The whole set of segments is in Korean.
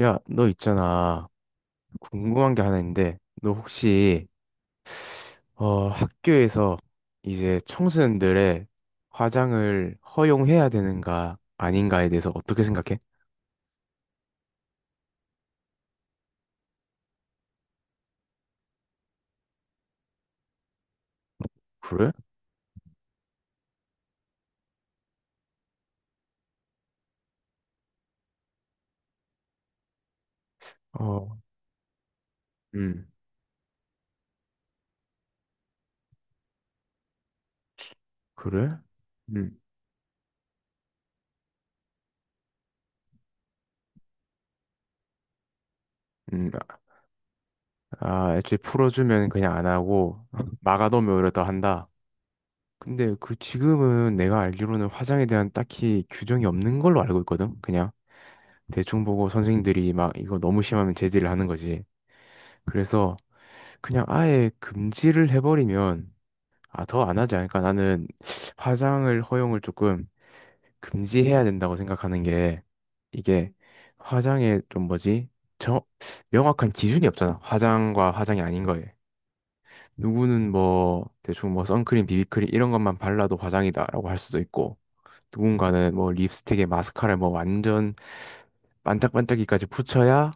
야, 너 있잖아. 궁금한 게 하나 있는데, 너 혹시, 학교에서 이제 청소년들의 화장을 허용해야 되는가, 아닌가에 대해서 어떻게 생각해? 그래? 어, 음, 그래? 음, 음, 아, 애초에 풀어주면 그냥 안 하고, 막아놓으면 오히려 더 한다. 근데 그 지금은 내가 알기로는 화장에 대한 딱히 규정이 없는 걸로 알고 있거든? 그냥 대충 보고 선생님들이 막 이거 너무 심하면 제지를 하는 거지. 그래서, 그냥 아예 금지를 해버리면 아, 더 안 하지 않을까? 나는 화장을 허용을 조금 금지해야 된다고 생각하는 게 이게 화장에 좀 뭐지? 저 명확한 기준이 없잖아. 화장과 화장이 아닌 거에. 누구는 뭐 대충 뭐 선크림, 비비크림 이런 것만 발라도 화장이다라고 할 수도 있고 누군가는 뭐 립스틱에 마스카라에 뭐 완전 반짝반짝이까지 붙여야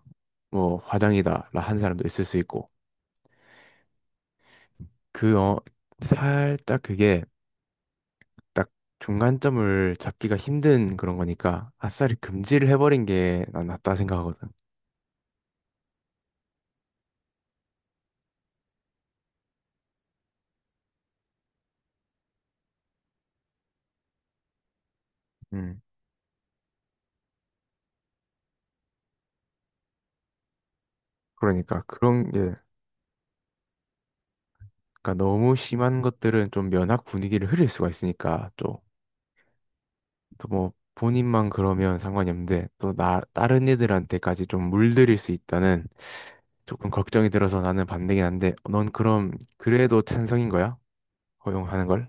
뭐 화장이다라 한 사람도 있을 수 있고 그 살짝 그게 중간점을 잡기가 힘든 그런 거니까 아싸리 금지를 해버린 게 난 낫다 생각하거든. 음, 그러니까 그런 게 그러니까 너무 심한 것들은 좀 면학 분위기를 흐릴 수가 있으니까 또 또 뭐 본인만 그러면 상관이 없는데 또 나 다른 애들한테까지 좀 물들일 수 있다는 조금 걱정이 들어서 나는 반대긴 한데 넌 그럼 그래도 찬성인 거야? 허용하는 걸?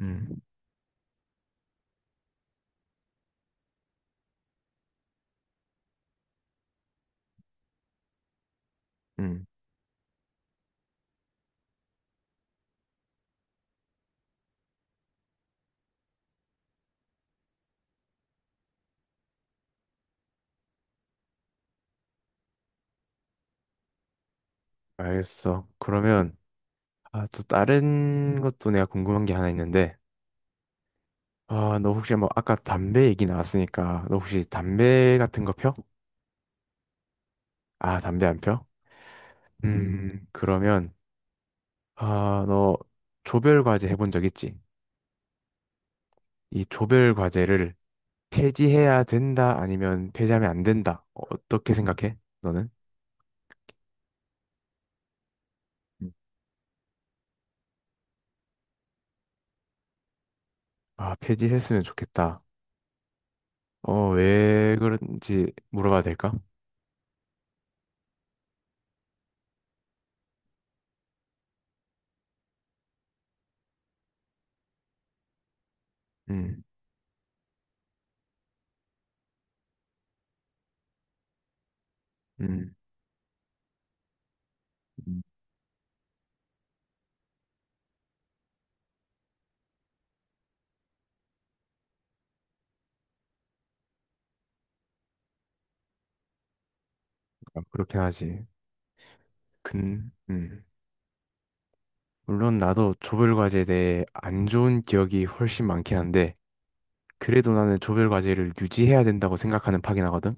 음, 음, 알겠어. 그러면 아, 또 다른 것도 내가 궁금한 게 하나 있는데 아, 너 혹시 뭐 아까 담배 얘기 나왔으니까 너 혹시 담배 같은 거 펴? 아, 담배 안 펴? 그러면 아, 너 조별 과제 해본 적 있지? 이 조별 과제를 폐지해야 된다 아니면 폐지하면 안 된다. 어떻게 생각해? 너는? 음. 아, 폐지했으면 좋겠다. 어, 왜 그런지 물어봐도 될까? 음, 음, 음. 아, 그렇긴 하지. 근, 음. 물론 나도 조별 과제에 대해 안 좋은 기억이 훨씬 많긴 한데 그래도 나는 조별 과제를 유지해야 된다고 생각하는 파긴 하거든.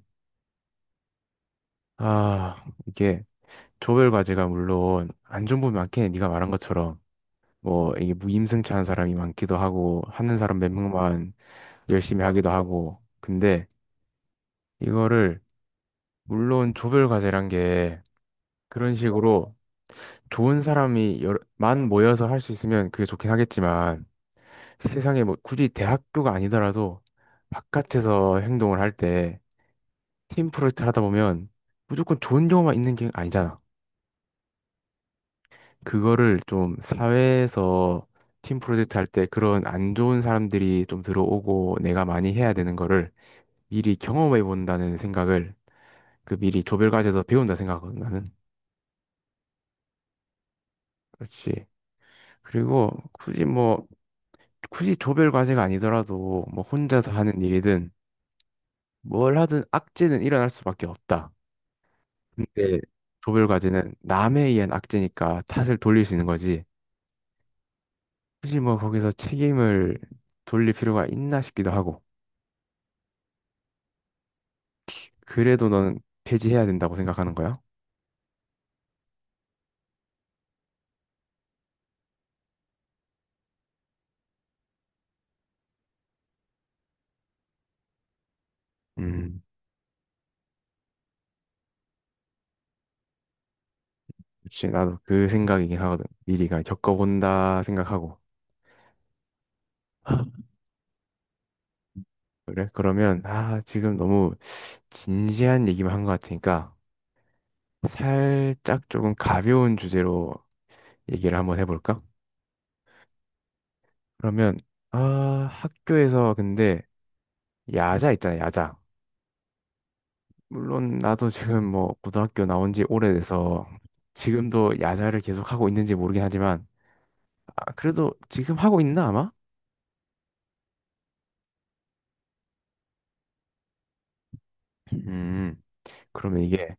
아, 이게 조별 과제가 물론 안 좋은 부분이 많긴 해. 네가 말한 것처럼 뭐 이게 무임승차한 사람이 많기도 하고 하는 사람 몇 명만 열심히 하기도 하고. 근데 이거를 물론 조별 과제란 게 그런 식으로 만 모여서 할 수 있으면 그게 좋긴 하겠지만 세상에 뭐 굳이 대학교가 아니더라도 바깥에서 행동을 할때 팀 프로젝트를 하다 보면 무조건 좋은 경우만 있는 게 아니잖아. 그거를 좀 사회에서 팀 프로젝트 할 때 그런 안 좋은 사람들이 좀 들어오고 내가 많이 해야 되는 거를 미리 경험해 본다는 생각을 그 미리 조별 과제에서 배운다 생각하거든 나는. 그렇지. 그리고 굳이 뭐 굳이 조별 과제가 아니더라도 뭐 혼자서 하는 일이든 뭘 하든 악재는 일어날 수밖에 없다. 근데 조별 과제는 남에 의한 악재니까 탓을 돌릴 수 있는 거지. 굳이 뭐 거기서 책임을 돌릴 필요가 있나 싶기도 하고 그래도 너는 폐지해야 된다고 생각하는 거야? 음, 그치 나도 그 생각이긴 하거든 미리가 겪어본다 생각하고 그래? 그러면 아 지금 너무 진지한 얘기만 한 것 같으니까 살짝 조금 가벼운 주제로 얘기를 한번 해볼까? 그러면 아 학교에서 근데 야자 있잖아 야자 물론 나도 지금 뭐 고등학교 나온 지 오래돼서 지금도 야자를 계속 하고 있는지 모르긴 하지만 아, 그래도 지금 하고 있나 아마? 음 그러면 이게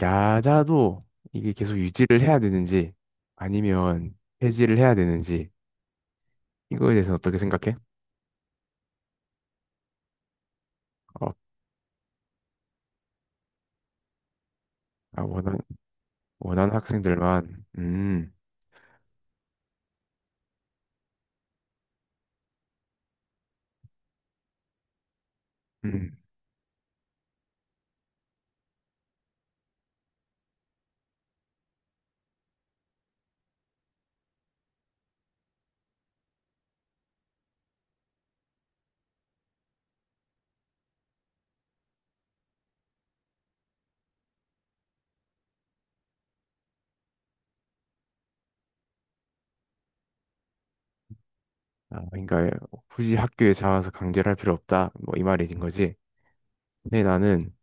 야자도 이게 계속 유지를 해야 되는지 아니면 폐지를 해야 되는지 이거에 대해서 어떻게 생각해? 어, 아, 원하는 학생들만 음. 아, 그러니까 굳이 학교에 잡아서 강제를 할 필요 없다 뭐 이 말이된 거지. 근데 나는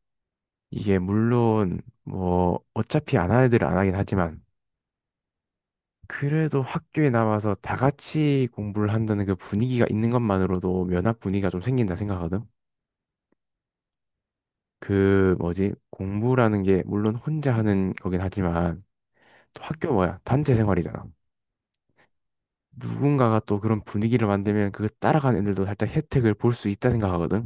이게 물론 뭐 어차피 안 하는 애들은 안 하긴 하지만 그래도 학교에 남아서 다 같이 공부를 한다는 그 분위기가 있는 것만으로도 면학 분위기가 좀 생긴다 생각하거든. 그 뭐지? 공부라는 게 물론 혼자 하는 거긴 하지만 또 학교 뭐야? 단체 생활이잖아. 누군가가 또 그런 분위기를 만들면 그 따라가는 애들도 살짝 혜택을 볼 수 있다 생각하거든.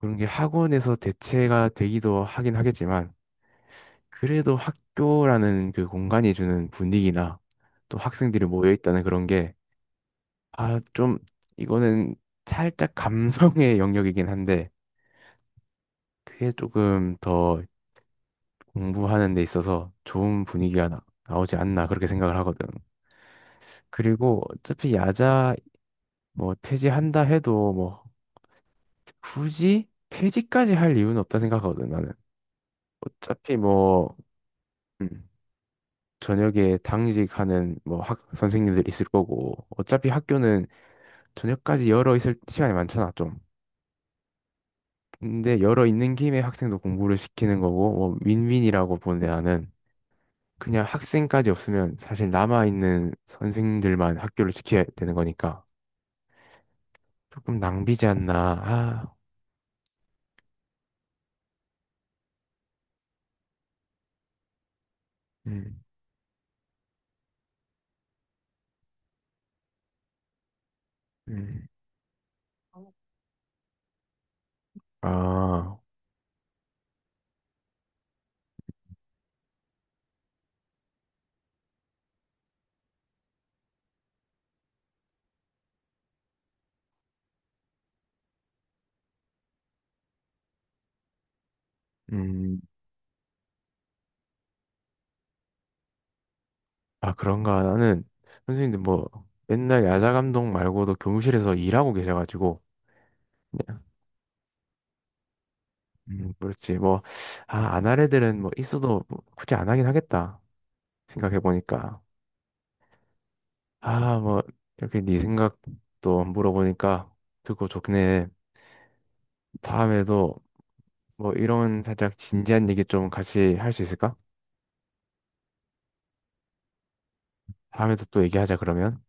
그런 게 학원에서 대체가 되기도 하긴 하겠지만 그래도 학교라는 그 공간이 주는 분위기나 또 학생들이 모여 있다는 그런 게, 아, 좀, 이거는 살짝 감성의 영역이긴 한데, 그게 조금 더 공부하는 데 있어서 좋은 분위기가 나오지 않나, 그렇게 생각을 하거든. 그리고 어차피 야자 뭐 폐지한다 해도 뭐 굳이 폐지까지 할 이유는 없다 생각하거든, 나는. 어차피 뭐, 음, 저녁에 당직하는 뭐 선생님들 있을 거고, 어차피 학교는 저녁까지 열어 있을 시간이 많잖아, 좀. 근데 열어 있는 김에 학생도 공부를 시키는 거고, 뭐, 윈윈이라고 보는데 나는 그냥 학생까지 없으면 사실 남아있는 선생님들만 학교를 지켜야 되는 거니까 조금 낭비지 않나. 아, 음, 음, 아, 음, 아, 그런가. 나는 선생님들 뭐, 맨날 야자 감독 말고도 교무실에서 일하고 계셔가지고, 그냥, 그렇지. 뭐, 아, 안 할 애들은 뭐, 있어도 뭐 굳이 안 하긴 하겠다. 생각해보니까. 아, 뭐, 이렇게 네 생각도 물어보니까 듣고 좋네. 다음에도 뭐 이런 살짝 진지한 얘기 좀 같이 할 수 있을까? 다음에도 또 얘기하자, 그러면.